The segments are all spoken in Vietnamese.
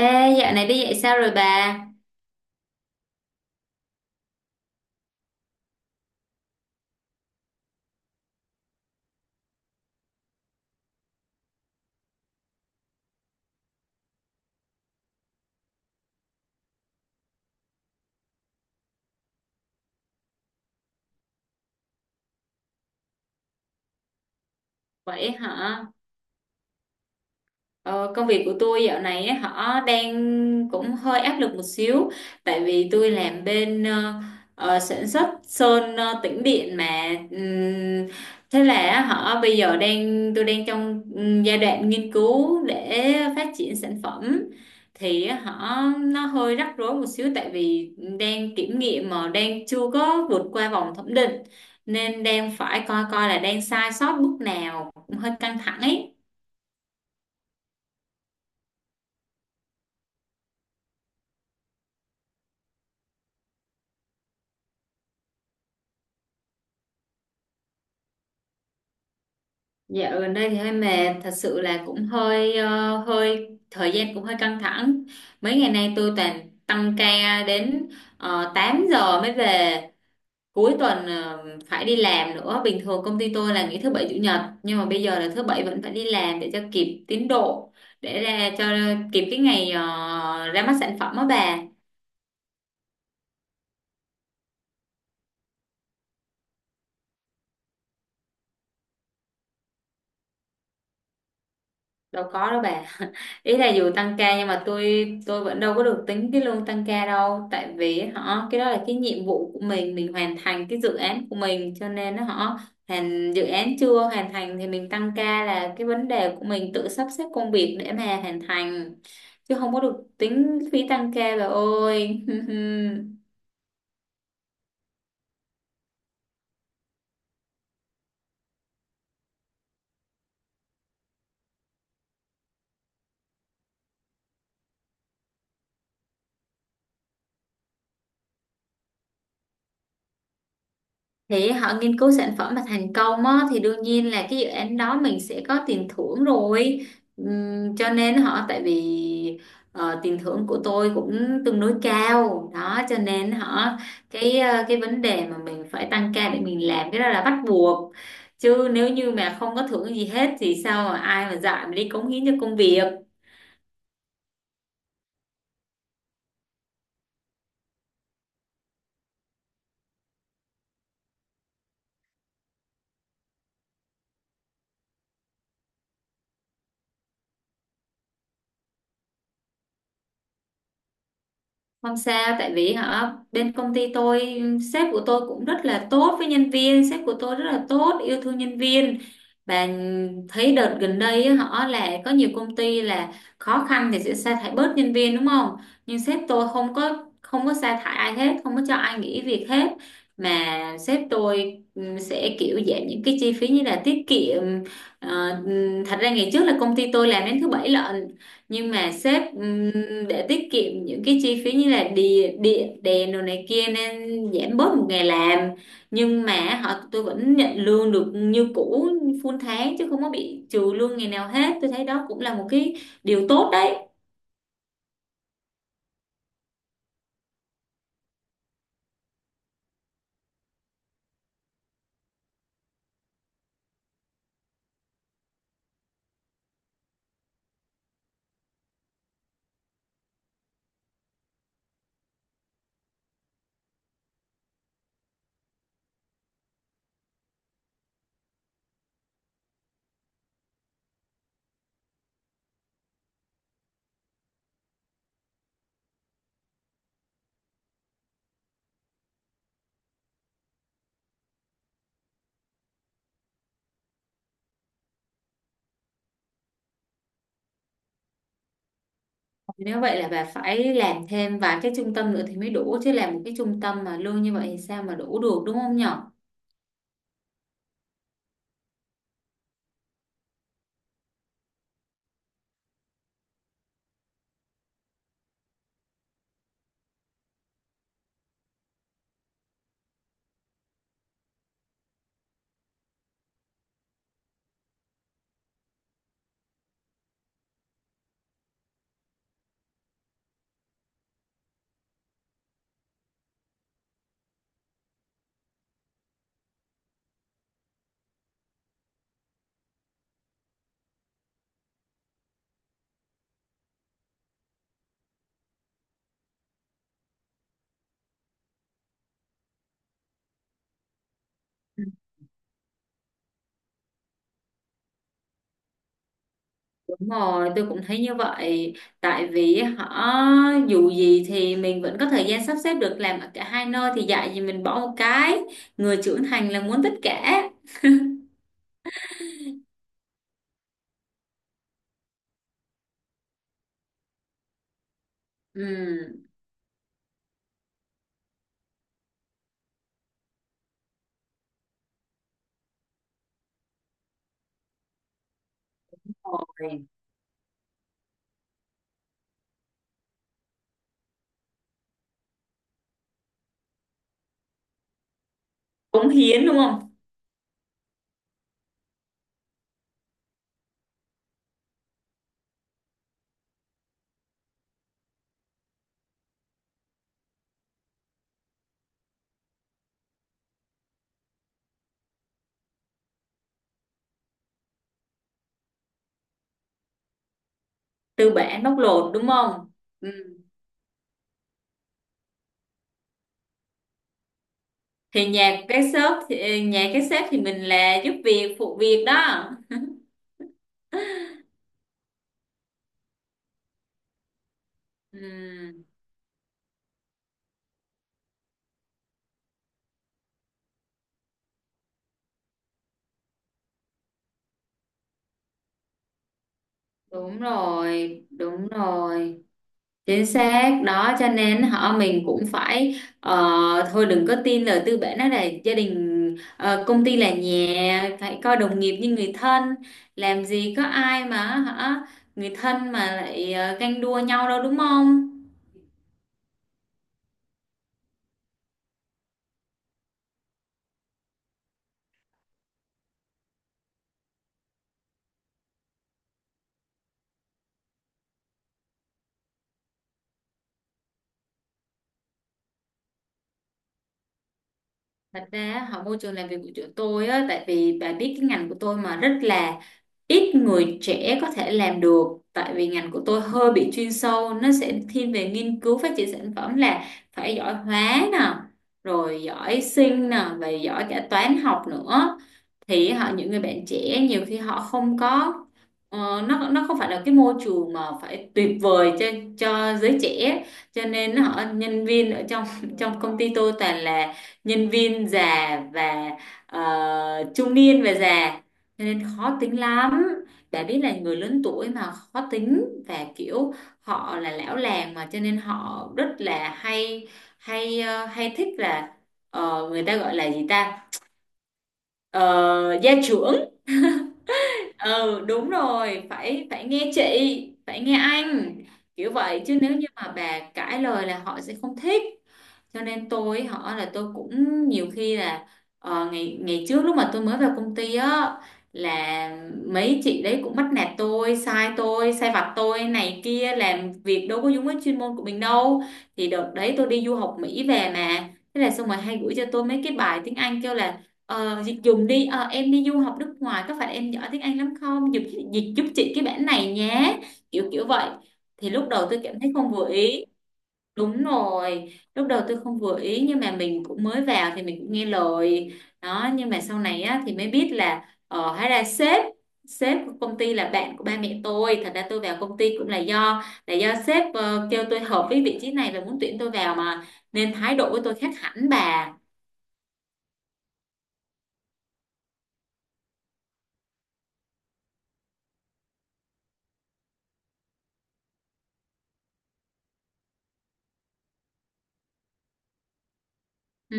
Ê, dạo này đi dạy sao rồi bà? Vậy hả? Ờ, Công việc của tôi dạo này á, đang cũng hơi áp lực một xíu, tại vì tôi làm bên sản xuất sơn tĩnh điện mà. Thế là bây giờ đang đang trong giai đoạn nghiên cứu để phát triển sản phẩm, thì nó hơi rắc rối một xíu, tại vì đang kiểm nghiệm mà đang chưa có vượt qua vòng thẩm định, nên đang phải coi coi là đang sai sót bước nào, cũng hơi căng thẳng ấy. Dạo gần đây thì hơi mệt, thật sự là cũng hơi ờ, hơi thời gian cũng hơi căng thẳng. Mấy ngày nay tôi toàn tăng ca đến 8 giờ mới về. Cuối tuần phải đi làm nữa. Bình thường công ty tôi là nghỉ thứ bảy chủ nhật, nhưng mà bây giờ là thứ bảy vẫn phải đi làm để cho kịp tiến độ, để ra cho kịp cái ngày ra mắt sản phẩm đó bà. Đâu có đâu bà. Ý là dù tăng ca nhưng mà tôi vẫn đâu có được tính cái lương tăng ca đâu, tại vì cái đó là cái nhiệm vụ của mình hoàn thành cái dự án của mình, cho nên nó hoàn dự án chưa hoàn thành thì mình tăng ca là cái vấn đề của mình tự sắp xếp công việc để mà hoàn thành, chứ không có được tính phí tăng ca bà ơi. Thì nghiên cứu sản phẩm mà thành công á, thì đương nhiên là cái dự án đó mình sẽ có tiền thưởng rồi. Cho nên tại vì tiền thưởng của tôi cũng tương đối cao đó, cho nên cái cái vấn đề mà mình phải tăng ca để mình làm, cái đó là bắt buộc, chứ nếu như mà không có thưởng gì hết thì sao mà ai mà dạy mà đi cống hiến cho công việc. Không sao, tại vì hả bên công ty tôi, sếp của tôi cũng rất là tốt với nhân viên, sếp của tôi rất là tốt, yêu thương nhân viên. Và thấy đợt gần đây á, là có nhiều công ty là khó khăn thì sẽ sa thải bớt nhân viên, đúng không? Nhưng sếp tôi không có sa thải ai hết, không có cho ai nghỉ việc hết. Mà sếp tôi sẽ kiểu giảm những cái chi phí như là tiết kiệm. Thật ra ngày trước là công ty tôi làm đến thứ bảy lận, nhưng mà sếp để tiết kiệm những cái chi phí như là địa địa đèn đồ này kia nên giảm bớt một ngày làm, nhưng mà tôi vẫn nhận lương được như cũ, full tháng, chứ không có bị trừ lương ngày nào hết. Tôi thấy đó cũng là một cái điều tốt đấy. Nếu vậy là bà phải làm thêm vài cái trung tâm nữa thì mới đủ, chứ làm một cái trung tâm mà lương như vậy thì sao mà đủ được, đúng không nhở? Đúng rồi, tôi cũng thấy như vậy. Tại vì dù gì thì mình vẫn có thời gian sắp xếp được làm ở cả hai nơi, thì dạy gì mình bỏ một cái. Người trưởng thành là muốn tất cả. Ừ. Rồi. Cống hiến đúng không? Tư bản bóc lột đúng không? Ừ. Thì nhà cái shop thì nhà cái sếp thì mình là giúp việc phụ việc đó. Ừ. Đúng rồi, đúng rồi. Chính xác đó, cho nên mình cũng phải thôi đừng có tin lời tư bản đó là gia đình, công ty là nhà, phải coi đồng nghiệp như người thân. Làm gì có ai mà hả người thân mà lại ganh đua nhau đâu, đúng không? Thật ra môi trường làm việc của chỗ tôi á, tại vì bà biết cái ngành của tôi mà rất là ít người trẻ có thể làm được, tại vì ngành của tôi hơi bị chuyên sâu, nó sẽ thiên về nghiên cứu phát triển sản phẩm, là phải giỏi hóa nè, rồi giỏi sinh nè, và giỏi cả toán học nữa. Thì những người bạn trẻ nhiều khi họ không có nó không phải là cái môi trường mà phải tuyệt vời cho giới trẻ, cho nên nhân viên ở trong trong công ty tôi toàn là nhân viên già và ờ, trung niên và già, cho nên khó tính lắm. Đã biết là người lớn tuổi mà khó tính và kiểu họ là lão làng mà, cho nên họ rất là hay hay hay thích là người ta gọi là gì ta? Ờ, gia trưởng. Ừ đúng rồi, phải phải nghe chị, phải nghe anh, kiểu vậy. Chứ nếu như mà bà cãi lời là họ sẽ không thích. Cho nên tôi là tôi cũng nhiều khi là ngày ngày trước lúc mà tôi mới vào công ty á, là mấy chị đấy cũng bắt nạt tôi, sai tôi, sai vặt tôi này kia, làm việc đâu có đúng với chuyên môn của mình đâu. Thì đợt đấy tôi đi du học Mỹ về mà, thế là xong rồi hay gửi cho tôi mấy cái bài tiếng Anh kêu là dịch dùng đi, ờ, em đi du học nước ngoài có phải em giỏi tiếng Anh lắm không, dịch, dịch giúp chị cái bản này nhé, kiểu kiểu vậy. Thì lúc đầu tôi cảm thấy không vừa ý. Đúng rồi, lúc đầu tôi không vừa ý, nhưng mà mình cũng mới vào thì mình cũng nghe lời đó. Nhưng mà sau này á, thì mới biết là hóa ra sếp, sếp của công ty là bạn của ba mẹ tôi. Thật ra tôi vào công ty cũng là do sếp kêu tôi hợp với vị trí này và muốn tuyển tôi vào mà. Nên thái độ của tôi khác hẳn bà. Ừ,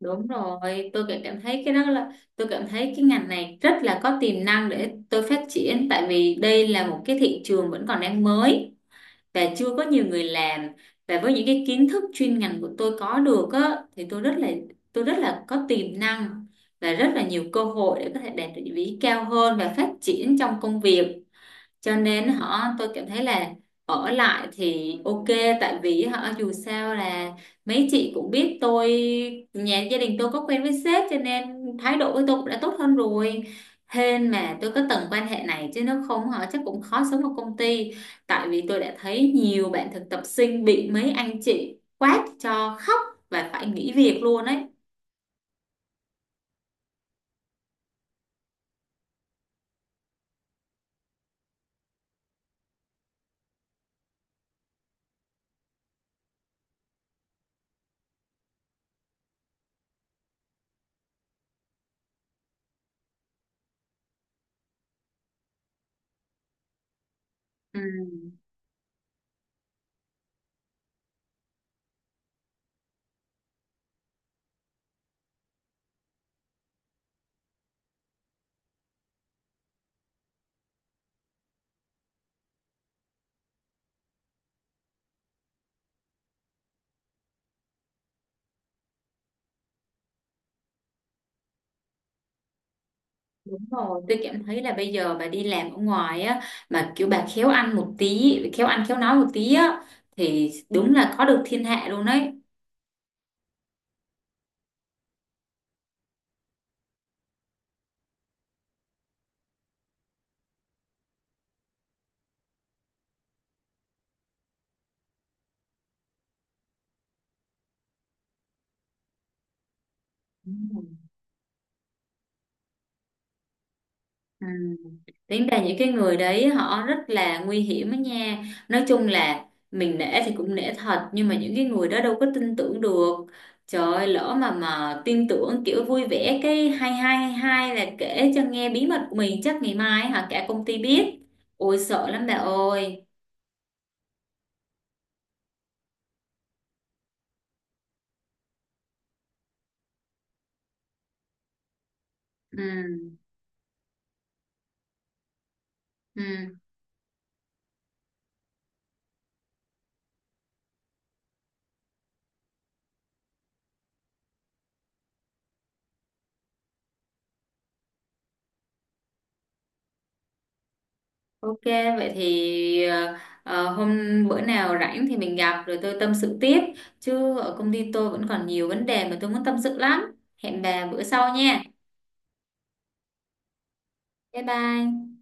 đúng rồi, tôi cảm cảm thấy cái đó là tôi cảm thấy cái ngành này rất là có tiềm năng để tôi phát triển, tại vì đây là một cái thị trường vẫn còn đang mới, và chưa có nhiều người làm. Và với những cái kiến thức chuyên ngành của tôi có được á, thì tôi rất là có tiềm năng, và rất là nhiều cơ hội để có thể đạt được vị trí cao hơn và phát triển trong công việc. Cho nên tôi cảm thấy là ở lại thì ok, tại vì dù sao là mấy chị cũng biết tôi, nhà gia đình tôi có quen với sếp, cho nên thái độ với tôi cũng đã tốt hơn rồi. Hên mà tôi có tầng quan hệ này, chứ nếu không chắc cũng khó sống ở công ty, tại vì tôi đã thấy nhiều bạn thực tập sinh bị mấy anh chị quát cho khóc và phải nghỉ việc luôn ấy. Ừ. Đúng rồi, tôi cảm thấy là bây giờ bà đi làm ở ngoài á, mà kiểu bà khéo ăn một tí, khéo ăn khéo nói một tí á, thì đúng là có được thiên hạ luôn đấy. Đúng rồi. Ừ. Tính ra những cái người đấy họ rất là nguy hiểm á nha. Nói chung là mình nể thì cũng nể thật, nhưng mà những cái người đó đâu có tin tưởng được. Trời ơi, lỡ mà tin tưởng kiểu vui vẻ cái hai hai hai hai là kể cho nghe bí mật của mình chắc ngày mai hả cả công ty biết. Ôi sợ lắm bà ơi. Ừ. Ừ. Ok, vậy thì hôm bữa nào rảnh thì mình gặp rồi tôi tâm sự tiếp. Chứ ở công ty tôi vẫn còn nhiều vấn đề mà tôi muốn tâm sự lắm. Hẹn bà bữa sau nha. Bye bye.